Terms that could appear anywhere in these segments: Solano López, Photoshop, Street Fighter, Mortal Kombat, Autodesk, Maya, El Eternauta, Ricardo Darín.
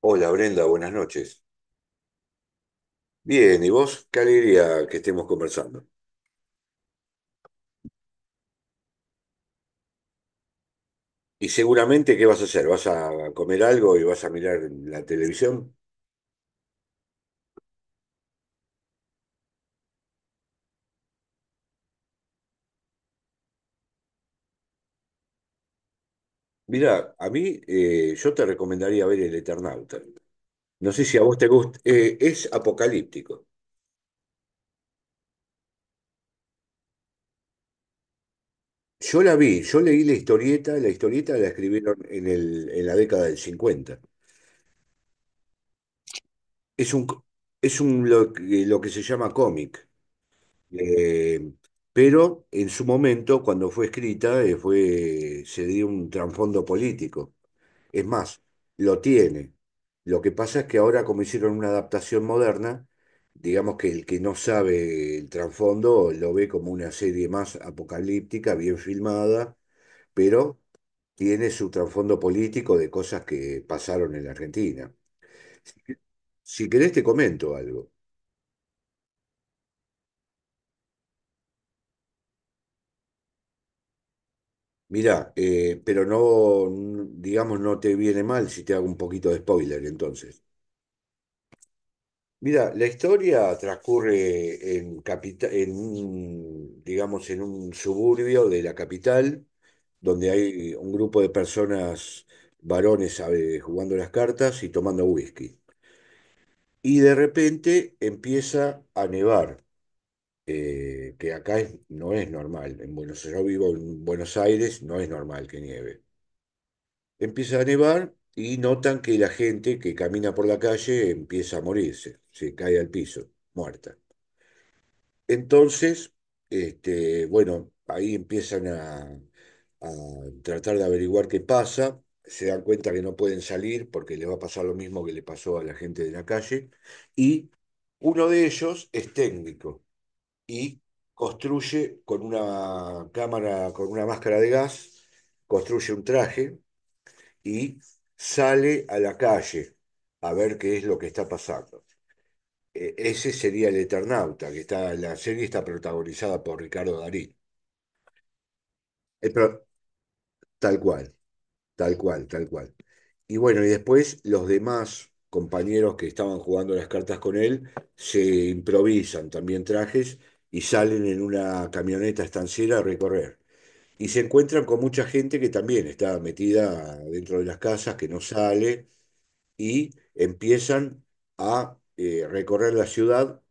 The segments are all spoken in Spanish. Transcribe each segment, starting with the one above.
Hola Brenda, buenas noches. Bien, ¿y vos? Qué alegría que estemos conversando. Y seguramente, ¿qué vas a hacer? ¿Vas a comer algo y vas a mirar la televisión? Mira, a mí yo te recomendaría ver El Eternauta. No sé si a vos te gusta. Es apocalíptico. Yo la vi, yo leí la historieta, la historieta la escribieron en en la década del 50. Es un, co- es un lo, que Lo que se llama cómic. Eh, pero en su momento, cuando fue escrita, se dio un trasfondo político. Es más, lo tiene. Lo que pasa es que ahora, como hicieron una adaptación moderna, digamos que el que no sabe el trasfondo lo ve como una serie más apocalíptica, bien filmada, pero tiene su trasfondo político de cosas que pasaron en la Argentina. Si querés, te comento algo. Mirá, pero no, digamos, no te viene mal si te hago un poquito de spoiler entonces. Mira, la historia transcurre en un, digamos, en un suburbio de la capital, donde hay un grupo de personas, varones, jugando las cartas y tomando whisky. Y de repente empieza a nevar, que acá no es normal. Yo vivo en Buenos Aires, no es normal que nieve. Empieza a nevar y notan que la gente que camina por la calle empieza a morirse, se cae al piso, muerta. Entonces, bueno, ahí empiezan a tratar de averiguar qué pasa, se dan cuenta que no pueden salir porque le va a pasar lo mismo que le pasó a la gente de la calle, y uno de ellos es técnico y construye con una cámara, con una máscara de gas, construye un traje y sale a la calle a ver qué es lo que está pasando. Ese sería el Eternauta, la serie está protagonizada por Ricardo Darín. Pero, tal cual, tal cual, tal cual. Y bueno, y después los demás compañeros que estaban jugando las cartas con él se improvisan también trajes y salen en una camioneta estanciera a recorrer. Y se encuentran con mucha gente que también está metida dentro de las casas, que no sale, y empiezan a recorrer la ciudad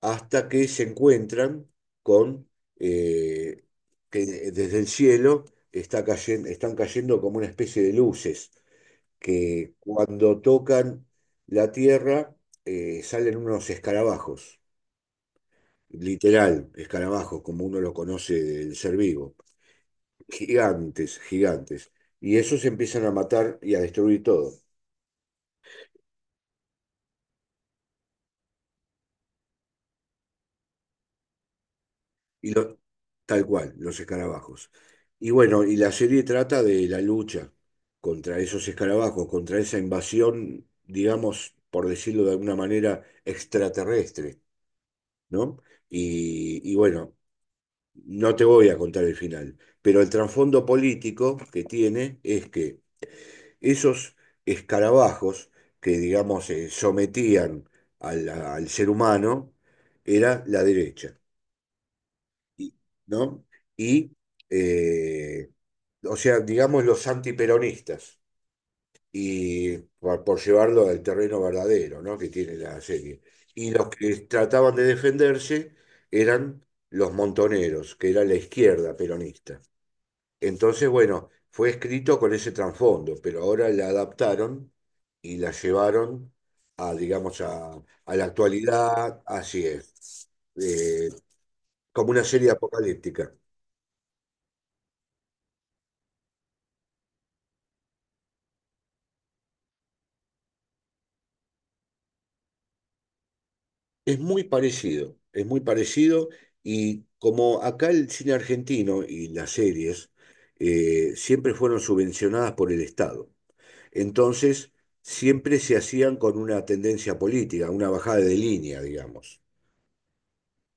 hasta que se encuentran con eh, que desde el cielo están cayendo como una especie de luces que cuando tocan la tierra salen unos escarabajos, literal, escarabajos, como uno lo conoce del ser vivo, gigantes, gigantes. Y esos empiezan a matar y a destruir todo. Y lo- Tal cual, los escarabajos. Y bueno, y la serie trata de la lucha contra esos escarabajos, contra esa invasión, digamos, por decirlo de alguna manera, extraterrestre, ¿no? Y bueno, no te voy a contar el final, pero el trasfondo político que tiene es que esos escarabajos que, digamos, sometían al ser humano, era la derecha. y- ¿No? Y, eh, o sea, digamos los antiperonistas, y por llevarlo al terreno verdadero, ¿no? Que tiene la serie. Y los que trataban de defenderse eran los montoneros, que era la izquierda peronista. Entonces, bueno, fue escrito con ese trasfondo, pero ahora la adaptaron y la llevaron a, digamos, a la actualidad, así es, eh, como una serie apocalíptica. Es muy parecido y como acá el cine argentino y las series siempre fueron subvencionadas por el Estado, entonces siempre se hacían con una tendencia política, una bajada de línea, digamos.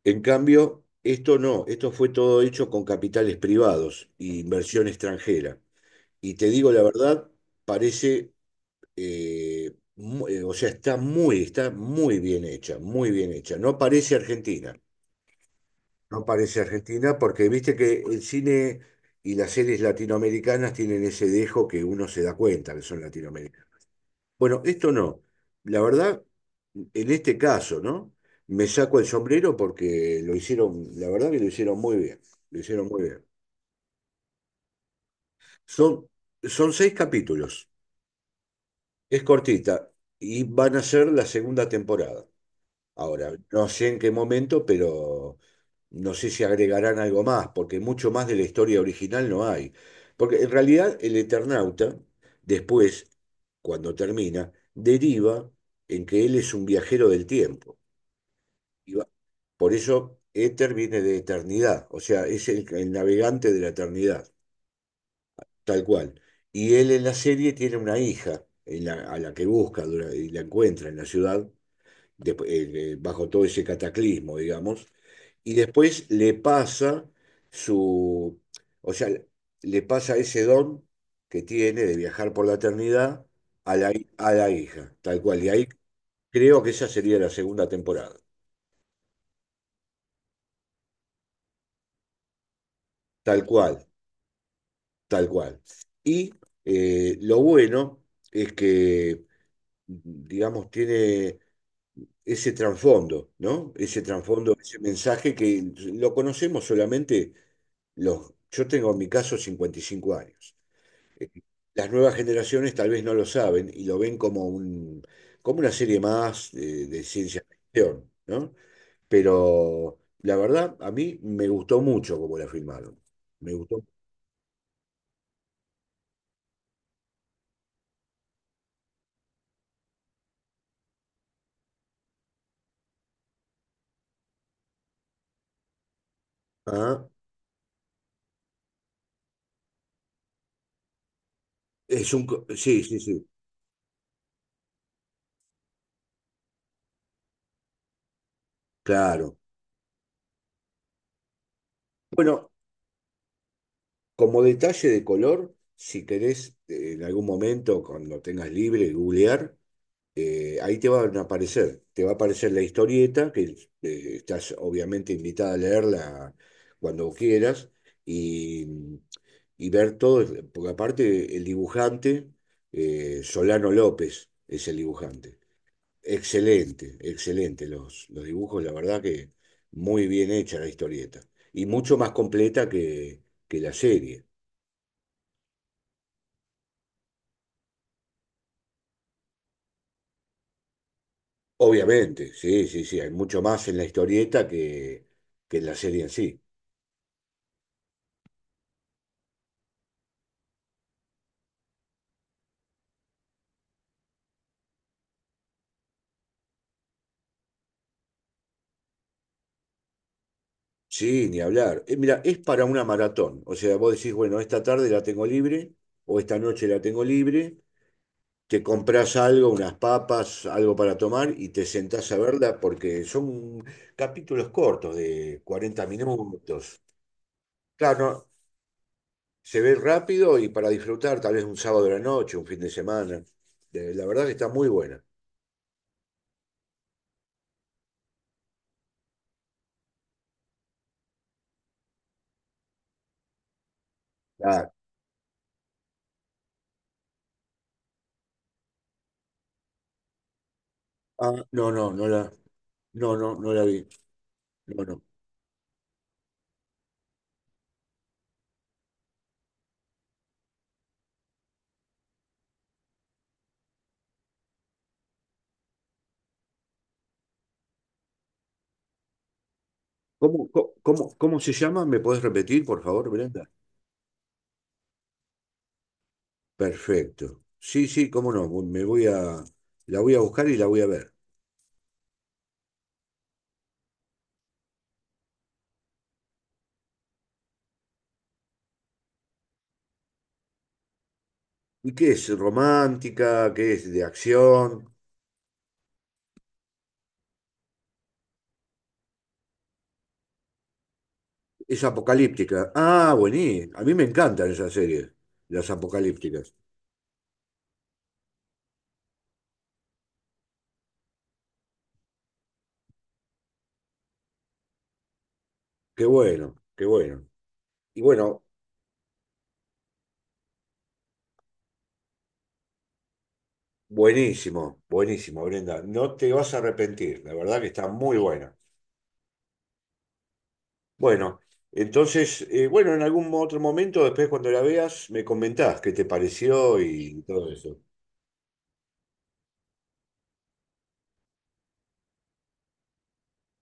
En cambio, esto no, esto fue todo hecho con capitales privados e inversión extranjera. Y te digo la verdad, parece, o sea, está muy bien hecha, no parece Argentina. No parece Argentina porque viste que el cine y las series latinoamericanas tienen ese dejo que uno se da cuenta que son latinoamericanas. Bueno, esto no. La verdad, en este caso, ¿no? Me saco el sombrero porque lo hicieron, la verdad que lo hicieron muy bien. Lo hicieron muy bien. Son, son 6 capítulos. Es cortita y van a ser la segunda temporada. Ahora, no sé en qué momento, pero no sé si agregarán algo más, porque mucho más de la historia original no hay. Porque en realidad el Eternauta, después, cuando termina, deriva en que él es un viajero del tiempo. Y va- por eso Éter viene de eternidad, o sea, es el navegante de la eternidad, tal cual. Y él en la serie tiene una hija a la que y la encuentra en la ciudad, bajo todo ese cataclismo, digamos, y después le pasa su, o sea, le pasa ese don que tiene de viajar por la eternidad a la hija, tal cual. Y ahí creo que esa sería la segunda temporada, tal cual, tal cual. Y lo bueno es que, digamos, tiene ese trasfondo, ¿no? Ese trasfondo, ese mensaje que lo conocemos solamente los... Yo tengo en mi caso 55 años. Las nuevas generaciones tal vez no lo saben y lo ven como como una serie más de ciencia ficción, ¿no? Pero la verdad, a mí me gustó mucho como la filmaron. Me gustó. Ah, sí, sí, sí, claro. Bueno, como detalle de color, si querés en algún momento, cuando tengas libre, googlear, ahí te van a aparecer, te va a aparecer la historieta, que estás obviamente invitada a leerla cuando quieras y, ver todo, porque aparte el dibujante, Solano López es el dibujante. Excelente, excelente los dibujos, la verdad que muy bien hecha la historieta y mucho más completa que la serie. Obviamente, sí, sí, sí, hay mucho más en la historieta que en la serie en sí. Sí, ni hablar. Mira, es para una maratón. O sea, vos decís, bueno, esta tarde la tengo libre o esta noche la tengo libre, te compras algo, unas papas, algo para tomar y te sentás a verla porque son capítulos cortos de 40 minutos. Claro, se ve rápido y para disfrutar tal vez un sábado de la noche, un fin de semana. La verdad que está muy buena. Ah, ah, no, no, no la vi. No, no. ¿Cómo se llama? ¿Me podés repetir, por favor, Brenda? Perfecto. Sí, sí, cómo no. La voy a buscar y la voy a ver. ¿Y qué es? ¿Romántica? ¿Qué es de acción? Es apocalíptica. Ah, buenísimo. A mí me encantan esas series, las apocalípticas. Qué bueno, qué bueno. Y bueno, buenísimo, buenísimo, Brenda. No te vas a arrepentir. La verdad que está muy buena. Bueno, entonces, en algún otro momento, después cuando la veas, me comentás qué te pareció y todo eso.